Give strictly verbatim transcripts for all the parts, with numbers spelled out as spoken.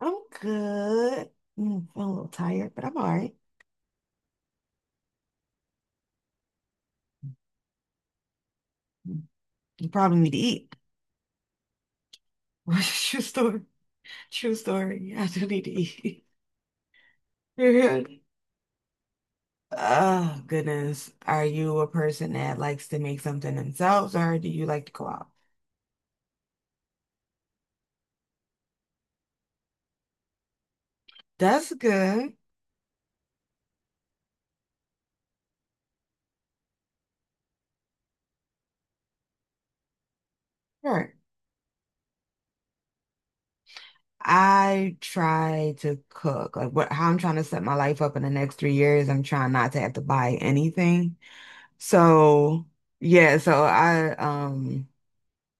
I'm good. Mm, I'm a little tired, but I'm all right. You probably need to eat. True story. True story. I do need to eat. Oh, goodness. Are you a person that likes to make something themselves or do you like to go out? That's good. Sure. I try to cook. Like what, how I'm trying to set my life up in the next three years, I'm trying not to have to buy anything. So, yeah, so I um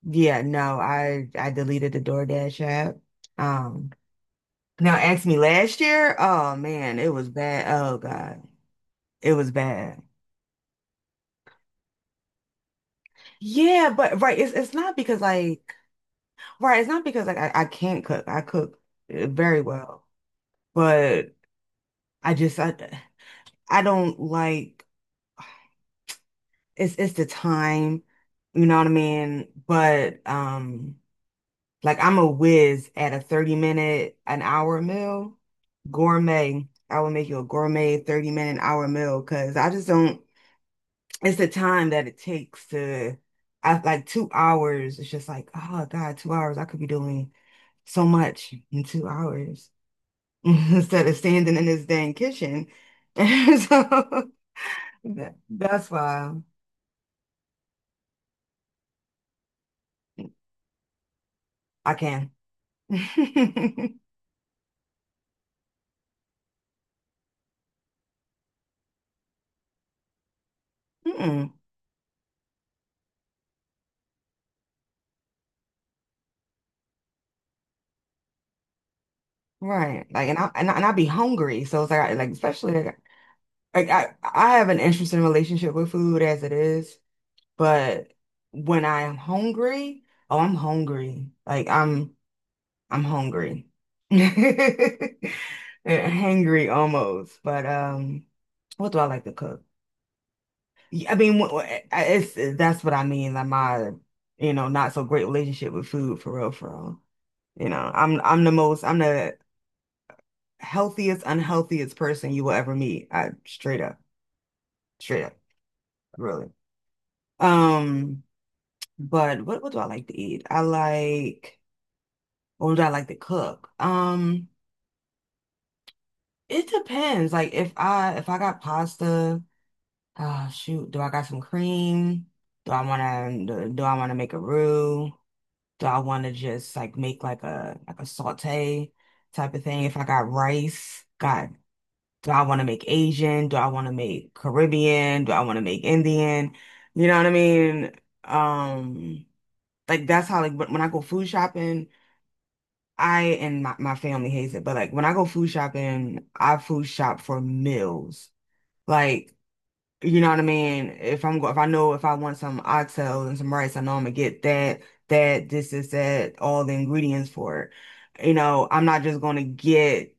Yeah, no, I I deleted the DoorDash app. Um, now ask me last year. Oh man, it was bad. Oh God, it was bad. Yeah, but right, it's it's not because like right, it's not because like I, I can't cook. I cook uh, very well, but I just I I don't like, it's it's the time, you know what I mean? But um. Like I'm a whiz at a thirty minute, an hour meal. Gourmet. I will make you a gourmet thirty minute, an hour meal because I just don't, it's the time that it takes to. I like two hours. It's just like, oh God, two hours. I could be doing so much in two hours instead of standing in this dang kitchen. So that- that's why I can. Mm-mm. Right. Like, and I, and I, and I be hungry. So it's like, like, especially like, Like I, I have an interesting relationship with food as it is, but when I am hungry, oh, I'm hungry. Like I'm, I'm hungry, hangry almost. But um, what do I like to cook? Yeah, I mean, wh- wh- I- it's that's what I mean. Like my, you know, not so great relationship with food for real, for real. You know, I'm, I'm the most, I'm the healthiest, unhealthiest person you will ever meet. I straight up, straight up, really. Um. But what, what do I like to eat? I like, or do I like to cook? Um, it depends. Like if I if I got pasta, ah shoot, do I got some cream? Do I wanna do, do I wanna make a roux? Do I wanna just like make like a like a saute type of thing? If I got rice, God, do I wanna make Asian? Do I wanna make Caribbean? Do I wanna make Indian? You know what I mean? Um, like that's how like when when I go food shopping. I and my, my family hates it, but like when I go food shopping, I food shop for meals. Like, you know what I mean? If I'm go if I know if I want some oxtails and some rice, I know I'm gonna get that, that, this, this, that, all the ingredients for it. You know, I'm not just gonna get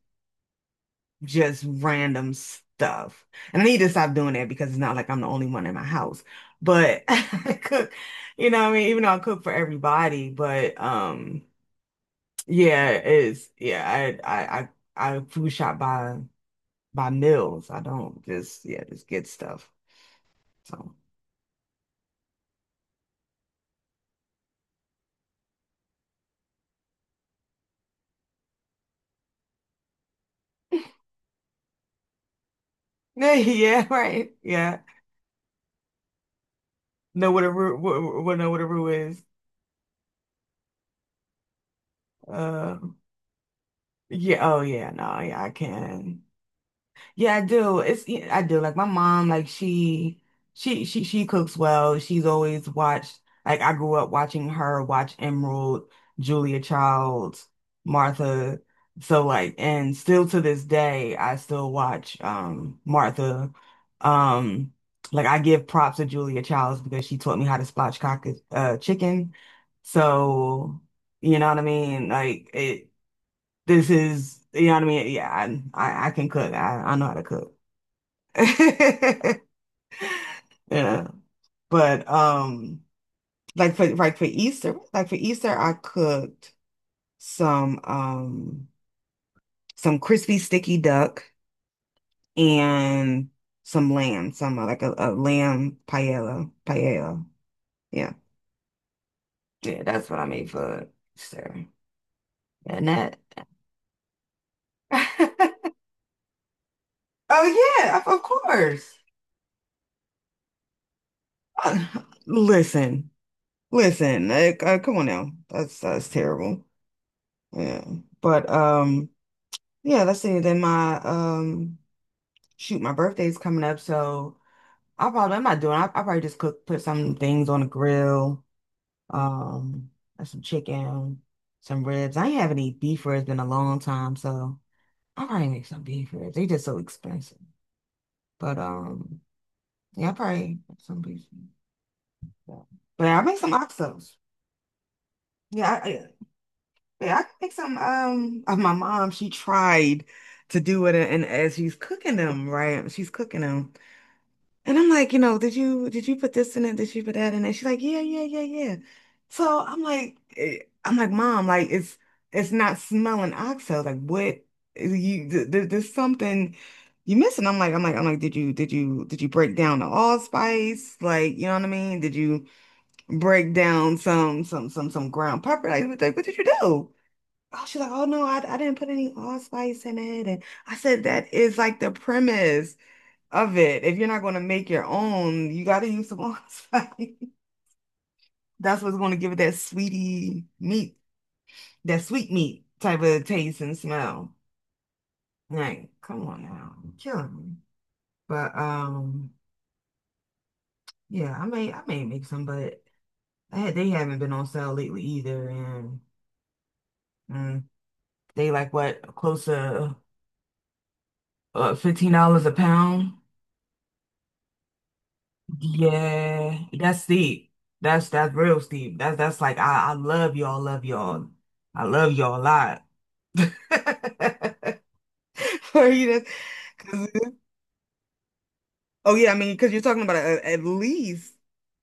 just random stuff. And I need to stop doing that because it's not like I'm the only one in my house. But I cook, you know what I mean? Even though I cook for everybody, but um yeah, it is. Yeah, I, I, I, I food shop by by meals. I don't just yeah just get stuff. So yeah, right. Yeah, know what a roux, what, what know what a roux is. Uh, yeah. Oh yeah. No, yeah, I can. Yeah, I do. It's yeah, I do. Like my mom, like she she she she cooks well. She's always watched, like I grew up watching her watch Emerald, Julia Childs, Martha. So like and still to this day I still watch um Martha. Um like I give props to Julia Childs because she taught me how to spatchcock uh chicken. So you know what I mean? Like it this is you know what I mean? Yeah, I I, I can cook. I, I know how to cook. Yeah. But um like for like for Easter, like for Easter I cooked some um some crispy sticky duck and some lamb, some uh, like a, a lamb paella, paella. Yeah. Yeah, that's what I made for Easter. And that oh yeah, of of course. Uh, Listen, listen, like, uh, come on now. That's that's terrible. Yeah. But um Yeah, that's it. Then my um shoot, my birthday's coming up, so I probably I'm not doing. I, I probably just cook, put some things on the grill, um, and some chicken, some ribs. I ain't have any beef ribs in a long time, so I probably make some beef ribs. They just so expensive, but um, yeah, I probably make some beef. Yeah, but I make some oxtails. Yeah, I, I- yeah, I can make some. Um, uh, my mom she tried to do it, and as she's cooking them, right, she's cooking them. And I'm like, you know, did you did you put this in it? Did you put that in it? She's like, yeah, yeah, yeah, yeah. So I'm like, eh, I'm like, Mom, like it's it's not smelling oxo. Like what you th th- there's something you missing. I'm like, I'm like, I'm like, did you did you did you break down the allspice? Like, you know what I mean? Did you break down some some some some ground pepper? Like, what, like, what did you do? Oh, she's like, oh no, I, I didn't put any allspice in it. And I said, that is like the premise of it. If you're not going to make your own, you got to use the ones. That's what's going to give it that sweetie meat, that sweet meat type of taste and smell. Like, come on now, you're killing me. But um, yeah, I may I may make some, but I had, they haven't been on sale lately either, and mm, they like what close to uh, fifteen dollars a pound. Yeah, that's steep. That's that's real steep. That's that's like I I love y'all, love y'all. I love y'all a lot. Or you just, 'cause- oh yeah, I mean, because you're talking about a, at least,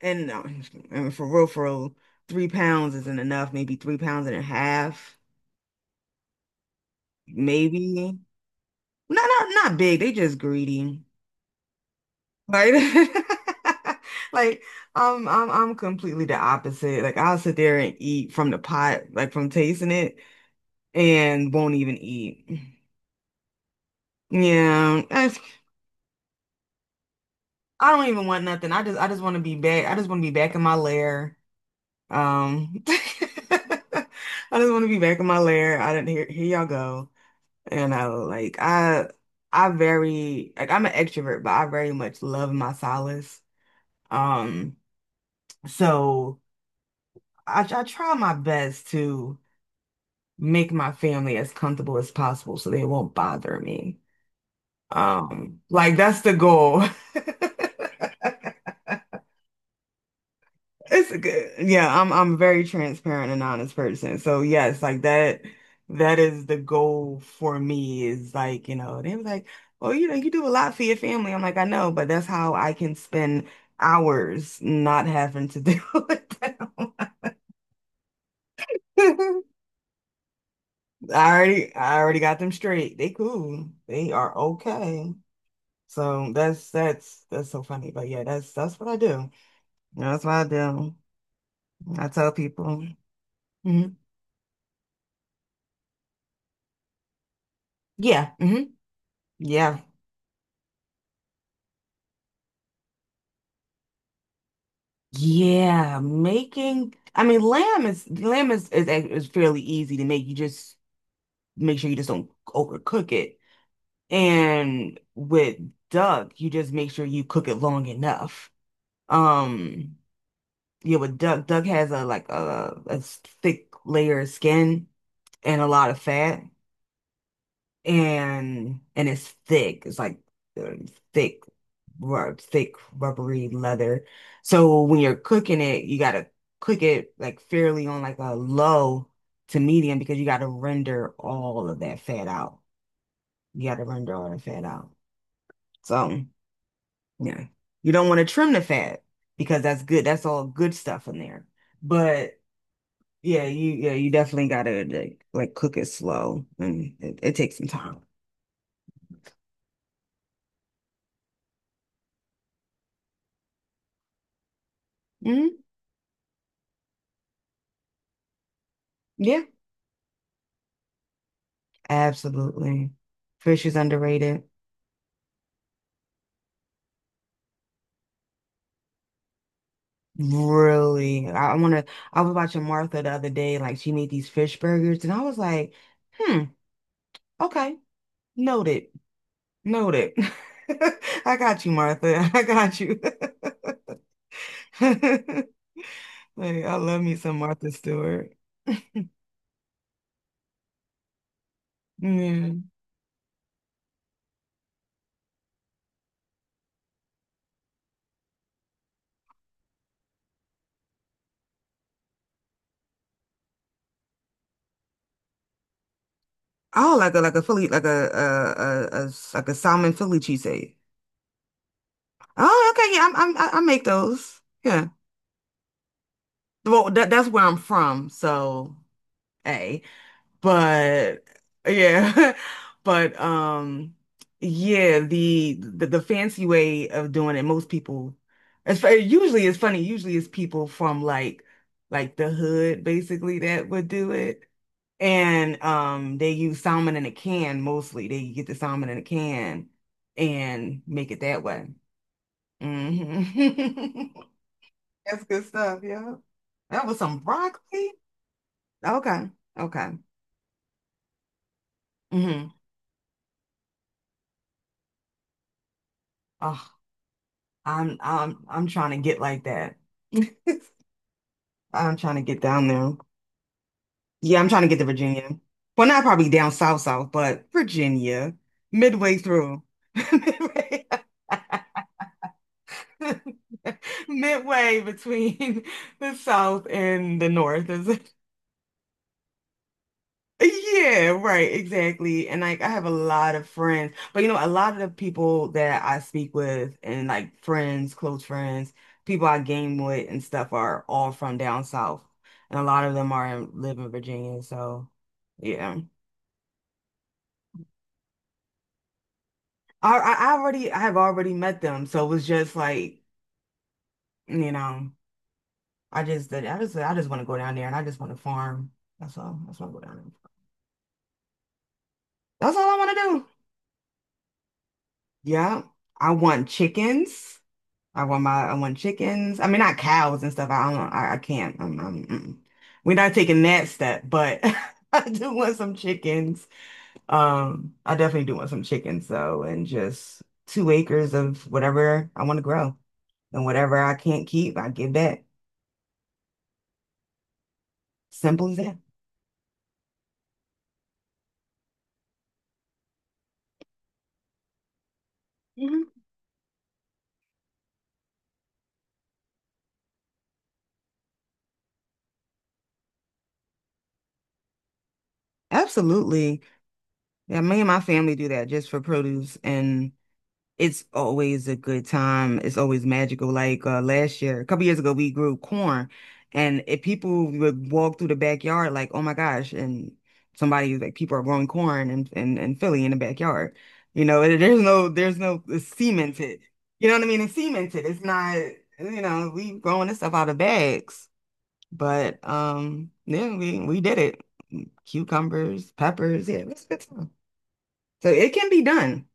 and no, and for real, for real, three pounds isn't enough. Maybe three pounds and a half, maybe. Not not not big. They just greedy, right? Like I'm I'm I'm completely the opposite. Like I'll sit there and eat from the pot, like from tasting it, and won't even eat. Yeah, I, I don't even want nothing. I just I just want to be back. I just want to be back in my lair. Um, I just want to be back in my lair. I didn't hear here y'all go. And I like I I very like I'm an extrovert, but I very much love my solace. Um, so I I try my best to make my family as comfortable as possible so they won't bother me. Um, like that's the goal. It's a good. Yeah, I'm I'm a very transparent and honest person. So yes, like that that is the goal for me is like, you know, they was like, "Well, you know, you do a lot for your family." I'm like, "I know, but that's how I can spend hours not having to deal with them." I already I already got them straight. They cool. They are okay. So that's that's that's so funny. But yeah, that's that's what I do. That's what I do. I tell people. Mhm, yeah. Hmm. Yeah. Yeah, making, I mean lamb is, lamb is, is is fairly easy to make. You just make sure you just don't overcook it. And with duck, you just make sure you cook it long enough. Um, yeah, with duck, duck has a like a, a s- thick layer of skin and a lot of fat, and and it's thick. It's like uh, thick. rub, thick, rubbery leather. So when you're cooking it, you gotta cook it like fairly on like a low to medium, because you gotta render all of that fat out. You gotta render all the fat out. So yeah, you don't want to trim the fat because that's good. That's all good stuff in there. But yeah, you yeah you definitely gotta like, like cook it slow, and it, it takes some time. Hmm. Yeah, absolutely. Fish is underrated. Really, I want to. I was watching Martha the other day, like she made these fish burgers, and I was like, hmm, okay, noted, noted. I got you, Martha. I got you. Like, I love me some Martha Stewart. Yeah. Oh, like a like a Philly, like a uh a, a s- like a salmon Philly cheesesteak. Oh, okay, yeah, I'm, I'm I I make those. Yeah, well, that that's where I'm from, so hey. But yeah, but um, yeah, the, the the fancy way of doing it, most people, it's fu- usually it's funny. Usually it's people from like like the hood basically that would do it, and um, they use salmon in a can mostly. They get the salmon in a can and make it that way. Hmm. That's good stuff. Yeah, that was some broccoli. Okay, okay. Hmm. I'm I'm I'm trying to get like that. I'm trying to get down there. Yeah, I'm trying to get to Virginia. Well, not probably down south south, but Virginia, midway through. Midway, midway between the south and the north is yeah, right, exactly. And like I have a lot of friends, but you know, a lot of the people that I speak with and like friends, close friends, people I game with and stuff are all from down south. And a lot of them are in, live in Virginia, so yeah. I I I already I have already met them, so it was just like, you know, I just did I just I just want to go down there and I just want to farm. That's all. That's what I go down there. That's all I want to do. Yeah. I want chickens. I want my I want chickens. I mean, not cows and stuff. I don't. I, I can't. I'm, I'm, mm-mm. We're not taking that step, but I do want some chickens. Um, I definitely do want some chickens though, and just two acres of whatever I want to grow, and whatever I can't keep, I give back. Simple as that. Mhm. Absolutely. Yeah, me and my family do that just for produce, and it's always a good time. It's always magical. Like uh, last year, a couple years ago, we grew corn, and if people would walk through the backyard, like, oh my gosh, and somebody was like, people are growing corn in, in, in Philly in the backyard. You know, and there's no, there's no it's cemented. You know what I mean? It's cemented. It's not, you know, we growing this stuff out of bags. But um, yeah, we we did it. Cucumbers, peppers, yeah, it was a good time. So it can be done.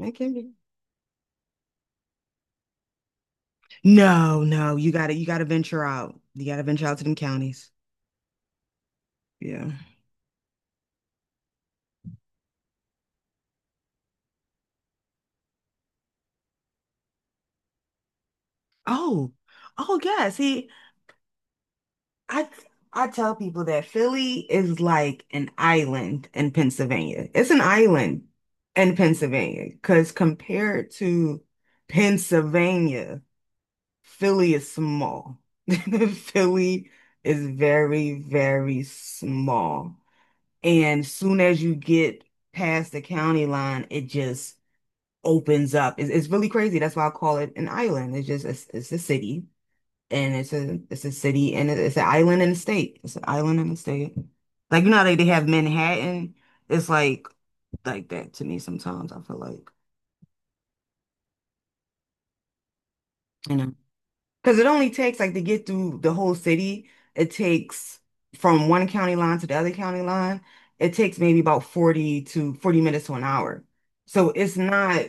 It can be. No, no, you gotta you gotta venture out. You gotta venture out to them counties. Yeah. Oh, oh yeah. See, I I tell people that Philly is like an island in Pennsylvania. It's an island in Pennsylvania because compared to Pennsylvania, Philly is small. Philly is very, very small. And soon as you get past the county line, it just opens up. It's, it's really crazy. That's why I call it an island. It's just it's, it's a city, and it's a it's a city, and it- it's an island in a state. It's an island in a state. Like you know how they, they have Manhattan. It's like like that to me sometimes. I feel like you know because it only takes like to get through the whole city. It takes from one county line to the other county line. It takes maybe about forty to forty minutes to an hour. So it's not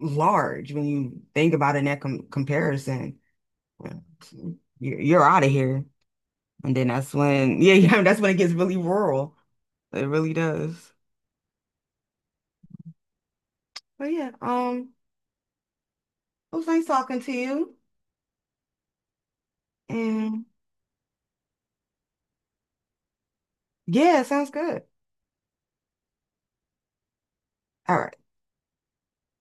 large when you think about it in that com comparison. Yeah. You're, you're out of here. And then that's when, yeah, yeah, that's when it gets really rural. It really does. But yeah, um, it was nice talking to you. And yeah, sounds good. All right.